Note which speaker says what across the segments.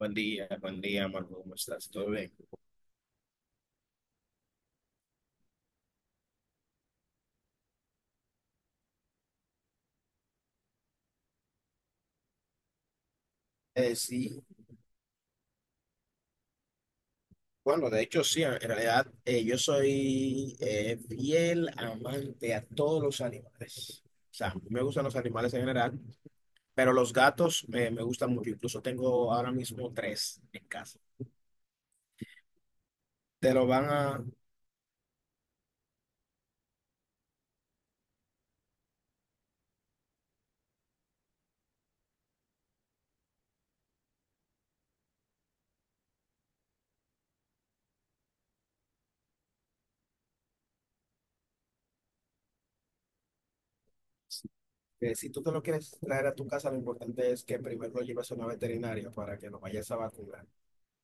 Speaker 1: Buen día, Marco, ¿cómo estás? ¿Todo bien? Eh, sí, bueno, de hecho sí, en realidad yo soy fiel amante a todos los animales. O sea, me gustan los animales en general, pero los gatos me gustan mucho. Incluso tengo ahora mismo 3 en casa. Te lo van a... Si tú te lo quieres traer a tu casa, lo importante es que primero lo lleves a una veterinaria para que lo vayas a vacunar.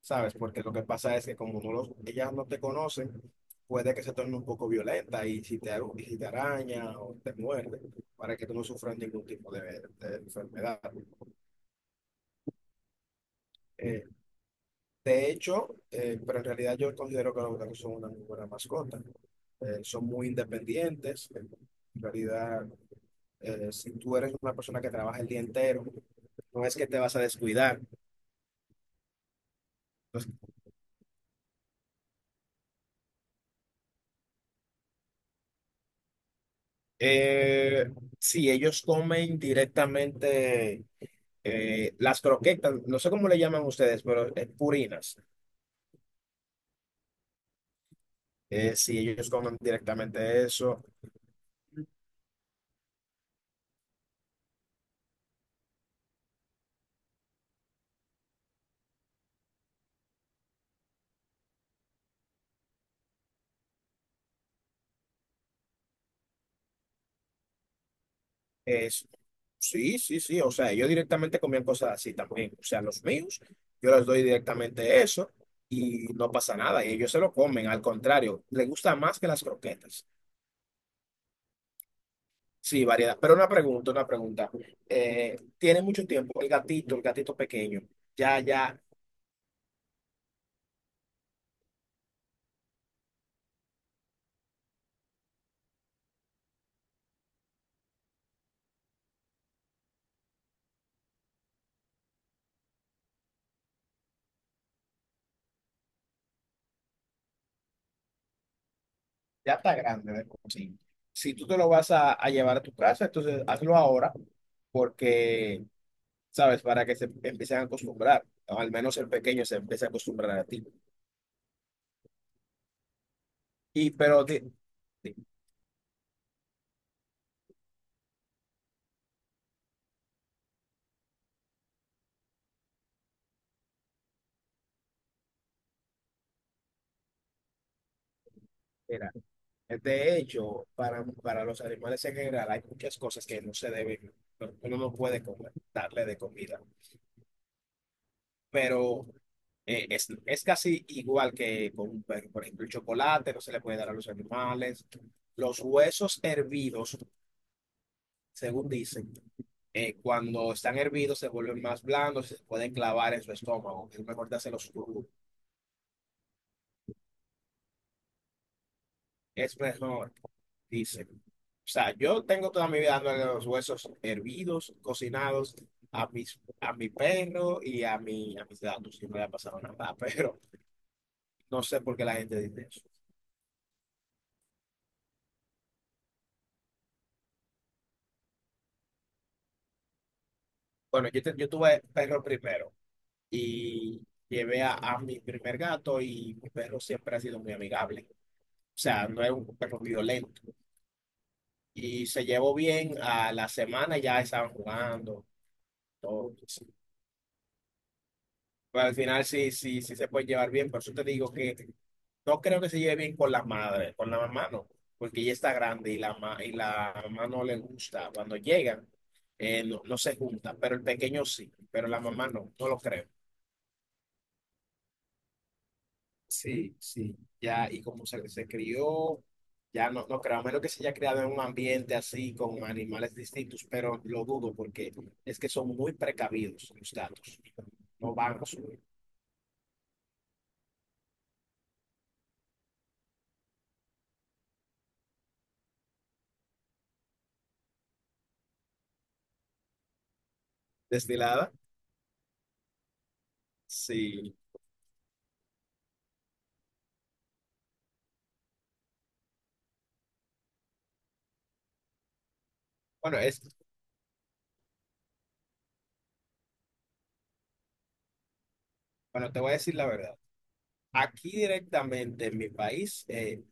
Speaker 1: ¿Sabes? Porque lo que pasa es que como no los, ellas no te conocen, puede que se torne un poco violenta y si te, y si te araña o te muerde, para que tú no sufras ningún tipo de enfermedad. Eh, de hecho, pero en realidad yo considero que los gatos son una muy buena mascota. Son muy independientes. En realidad, si tú eres una persona que trabaja el día entero, no es que te vas a descuidar. Entonces, eh, si ellos comen directamente las croquetas, no sé cómo le llaman ustedes, pero es purinas. Si ellos comen directamente eso, es, sí, sí, sí, o sea, ellos directamente comían cosas así también. O sea, los míos, yo les doy directamente eso y no pasa nada. Y ellos se lo comen, al contrario, les gusta más que las croquetas. Sí, variedad. Pero una pregunta, una pregunta. Tiene mucho tiempo el gatito pequeño. Ya, ya está grande de por sí. Si tú te lo vas a llevar a tu casa, entonces hazlo ahora porque, ¿sabes? Para que se empiecen a acostumbrar, o al menos el pequeño se empiece a acostumbrar a ti. Y pero, di- mira, de hecho, para los animales en general hay muchas cosas que no se deben, no- uno no puede comer, darle de comida, pero es casi igual que con un perro. Por ejemplo, el chocolate no se le puede dar a los animales. Los huesos hervidos, según dicen, cuando están hervidos se vuelven más blandos, se pueden clavar en su estómago. Es mejor dárselos crudos. Es mejor. Dice, o sea, yo tengo toda mi vida dándole los huesos hervidos, cocinados a mis, a mi perro y a, mi, a mis gatos. Y no le ha pasado nada, pero no sé por qué la gente dice eso. Bueno, yo, yo tuve perro primero y llevé a mi primer gato y mi perro siempre ha sido muy amigable. O sea, no es un perro violento. Y se llevó bien, a la semana ya estaban jugando, todo. Pues, sí. Pero al final sí, sí, sí se puede llevar bien, por eso te digo que no creo que se lleve bien con la madre, con la mamá no, porque ella está grande y la, y la mamá no le gusta. Cuando llegan, no, no se juntan, pero el pequeño sí, pero la mamá no, no lo creo. Sí, sí, ya, y como se crió, ya no, no creo, a menos que se haya criado en un ambiente así, con animales distintos, pero lo dudo porque es que son muy precavidos los gatos, no van a su destilada. Sí, bueno, es, bueno, te voy a decir la verdad. Aquí directamente en mi país,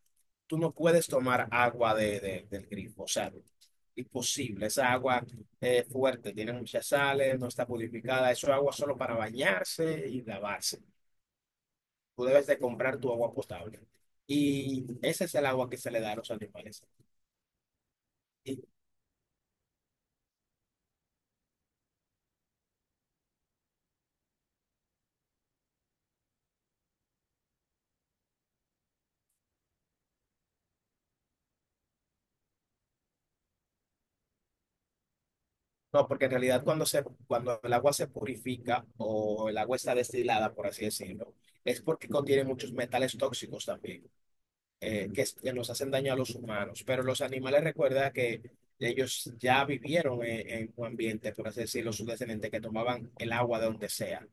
Speaker 1: tú no puedes tomar agua de, del grifo, o sea, imposible. Esa agua es fuerte, tiene muchas sales, no está purificada. Eso es agua solo para bañarse y lavarse. Tú debes de comprar tu agua potable. Y ese es el agua que se le da a los animales. Y- no, porque en realidad cuando, se, cuando el agua se purifica o el agua está destilada, por así decirlo, es porque contiene muchos metales tóxicos también. Que nos hacen daño a los humanos. Pero los animales, recuerda que ellos ya vivieron en un ambiente, por así decirlo, sus descendientes que tomaban el agua de donde sea.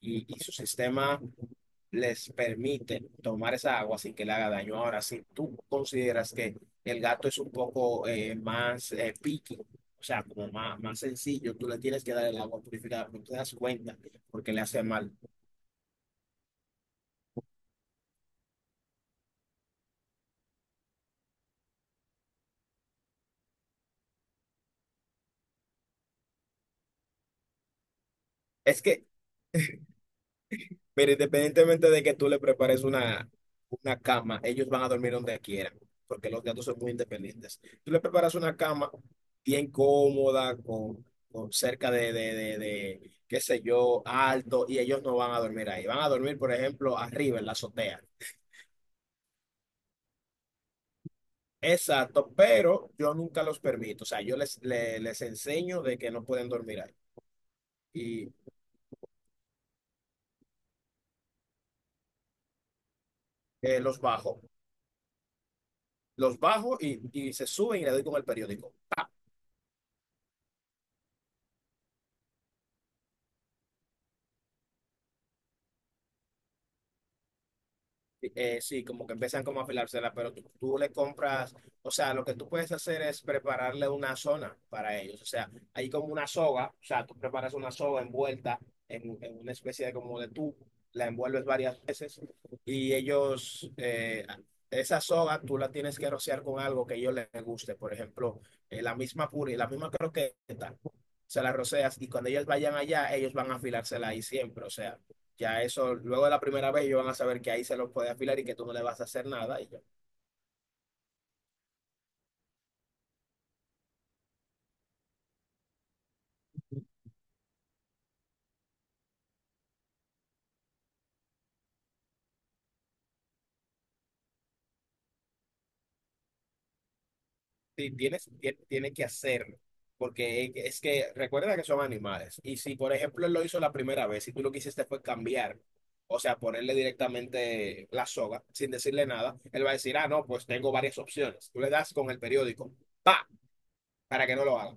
Speaker 1: Y su sistema les permite tomar esa agua sin que le haga daño. Ahora, si tú consideras que el gato es un poco más picky, o sea, como más, más sencillo, tú le tienes que dar el agua purificada, no te das cuenta porque le hace mal. Es que mira, independientemente de que tú le prepares una cama, ellos van a dormir donde quieran, porque los gatos son muy independientes. Tú le preparas una cama bien cómoda, con cerca de, qué sé yo, alto, y ellos no van a dormir ahí. Van a dormir, por ejemplo, arriba en la azotea. Exacto, pero yo nunca los permito. O sea, yo enseño de que no pueden dormir ahí. Y los bajo. Los bajo y se suben y le doy con el periódico. Sí, como que empiezan como a afilársela, pero tú le compras, o sea, lo que tú puedes hacer es prepararle una zona para ellos, o sea, hay como una soga, o sea, tú preparas una soga envuelta en una especie de como de tubo, la envuelves varias veces y ellos, esa soga tú la tienes que rociar con algo que a ellos les guste, por ejemplo, la misma la misma croqueta, se la roceas y cuando ellos vayan allá, ellos van a afilársela ahí siempre, o sea. Ya eso, luego de la primera vez, ellos van a saber que ahí se los puede afilar y que tú no le vas a hacer nada. Y yo, sí, tiene que hacerlo. Porque es que recuerda que son animales. Y si, por ejemplo, él lo hizo la primera vez y tú lo que hiciste fue cambiar, o sea, ponerle directamente la soga sin decirle nada, él va a decir, ah, no, pues tengo varias opciones. Tú le das con el periódico, pa, para que no lo haga.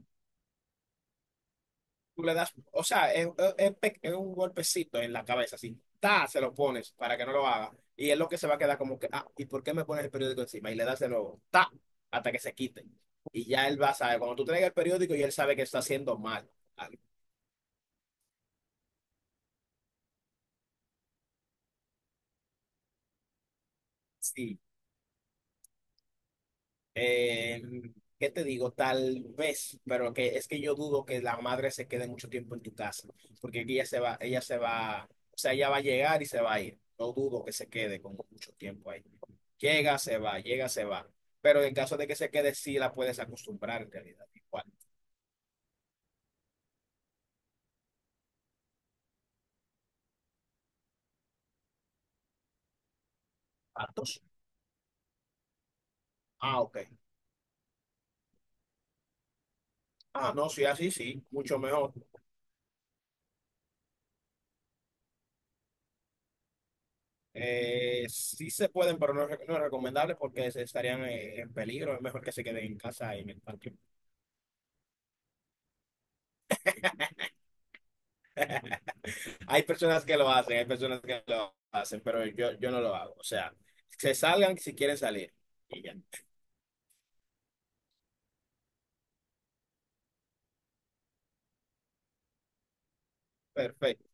Speaker 1: Tú le das, o sea, es un golpecito en la cabeza, así, ta, se lo pones para que no lo haga. Y es lo que se va a quedar como que, ah, ¿y por qué me pones el periódico encima? Y le das de nuevo, ta, hasta que se quite. Y ya él va a saber, cuando tú traigas el periódico, y él sabe que está haciendo mal. Ah, sí. Eh, ¿Qué te digo? Tal vez, pero que es que yo dudo que la madre se quede mucho tiempo en tu casa, porque ella se va, o sea, ella va a llegar y se va a ir. No dudo que se quede como mucho tiempo ahí. Llega, se va, llega, se va. Pero en caso de que se quede, sí la puedes acostumbrar en realidad. Igual. ¿Patos? Ah, ok. Ah, no, sí, así sí, mucho mejor. Sí se pueden, pero no es, no es recomendable porque se estarían en peligro. Es mejor que se queden en casa y en el patio. Hay personas que lo hacen, hay personas que lo hacen, pero yo no lo hago. O sea, se salgan si quieren salir. Y ya. Perfecto.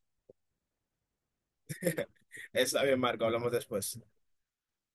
Speaker 1: Está bien, Marco. Hablamos después.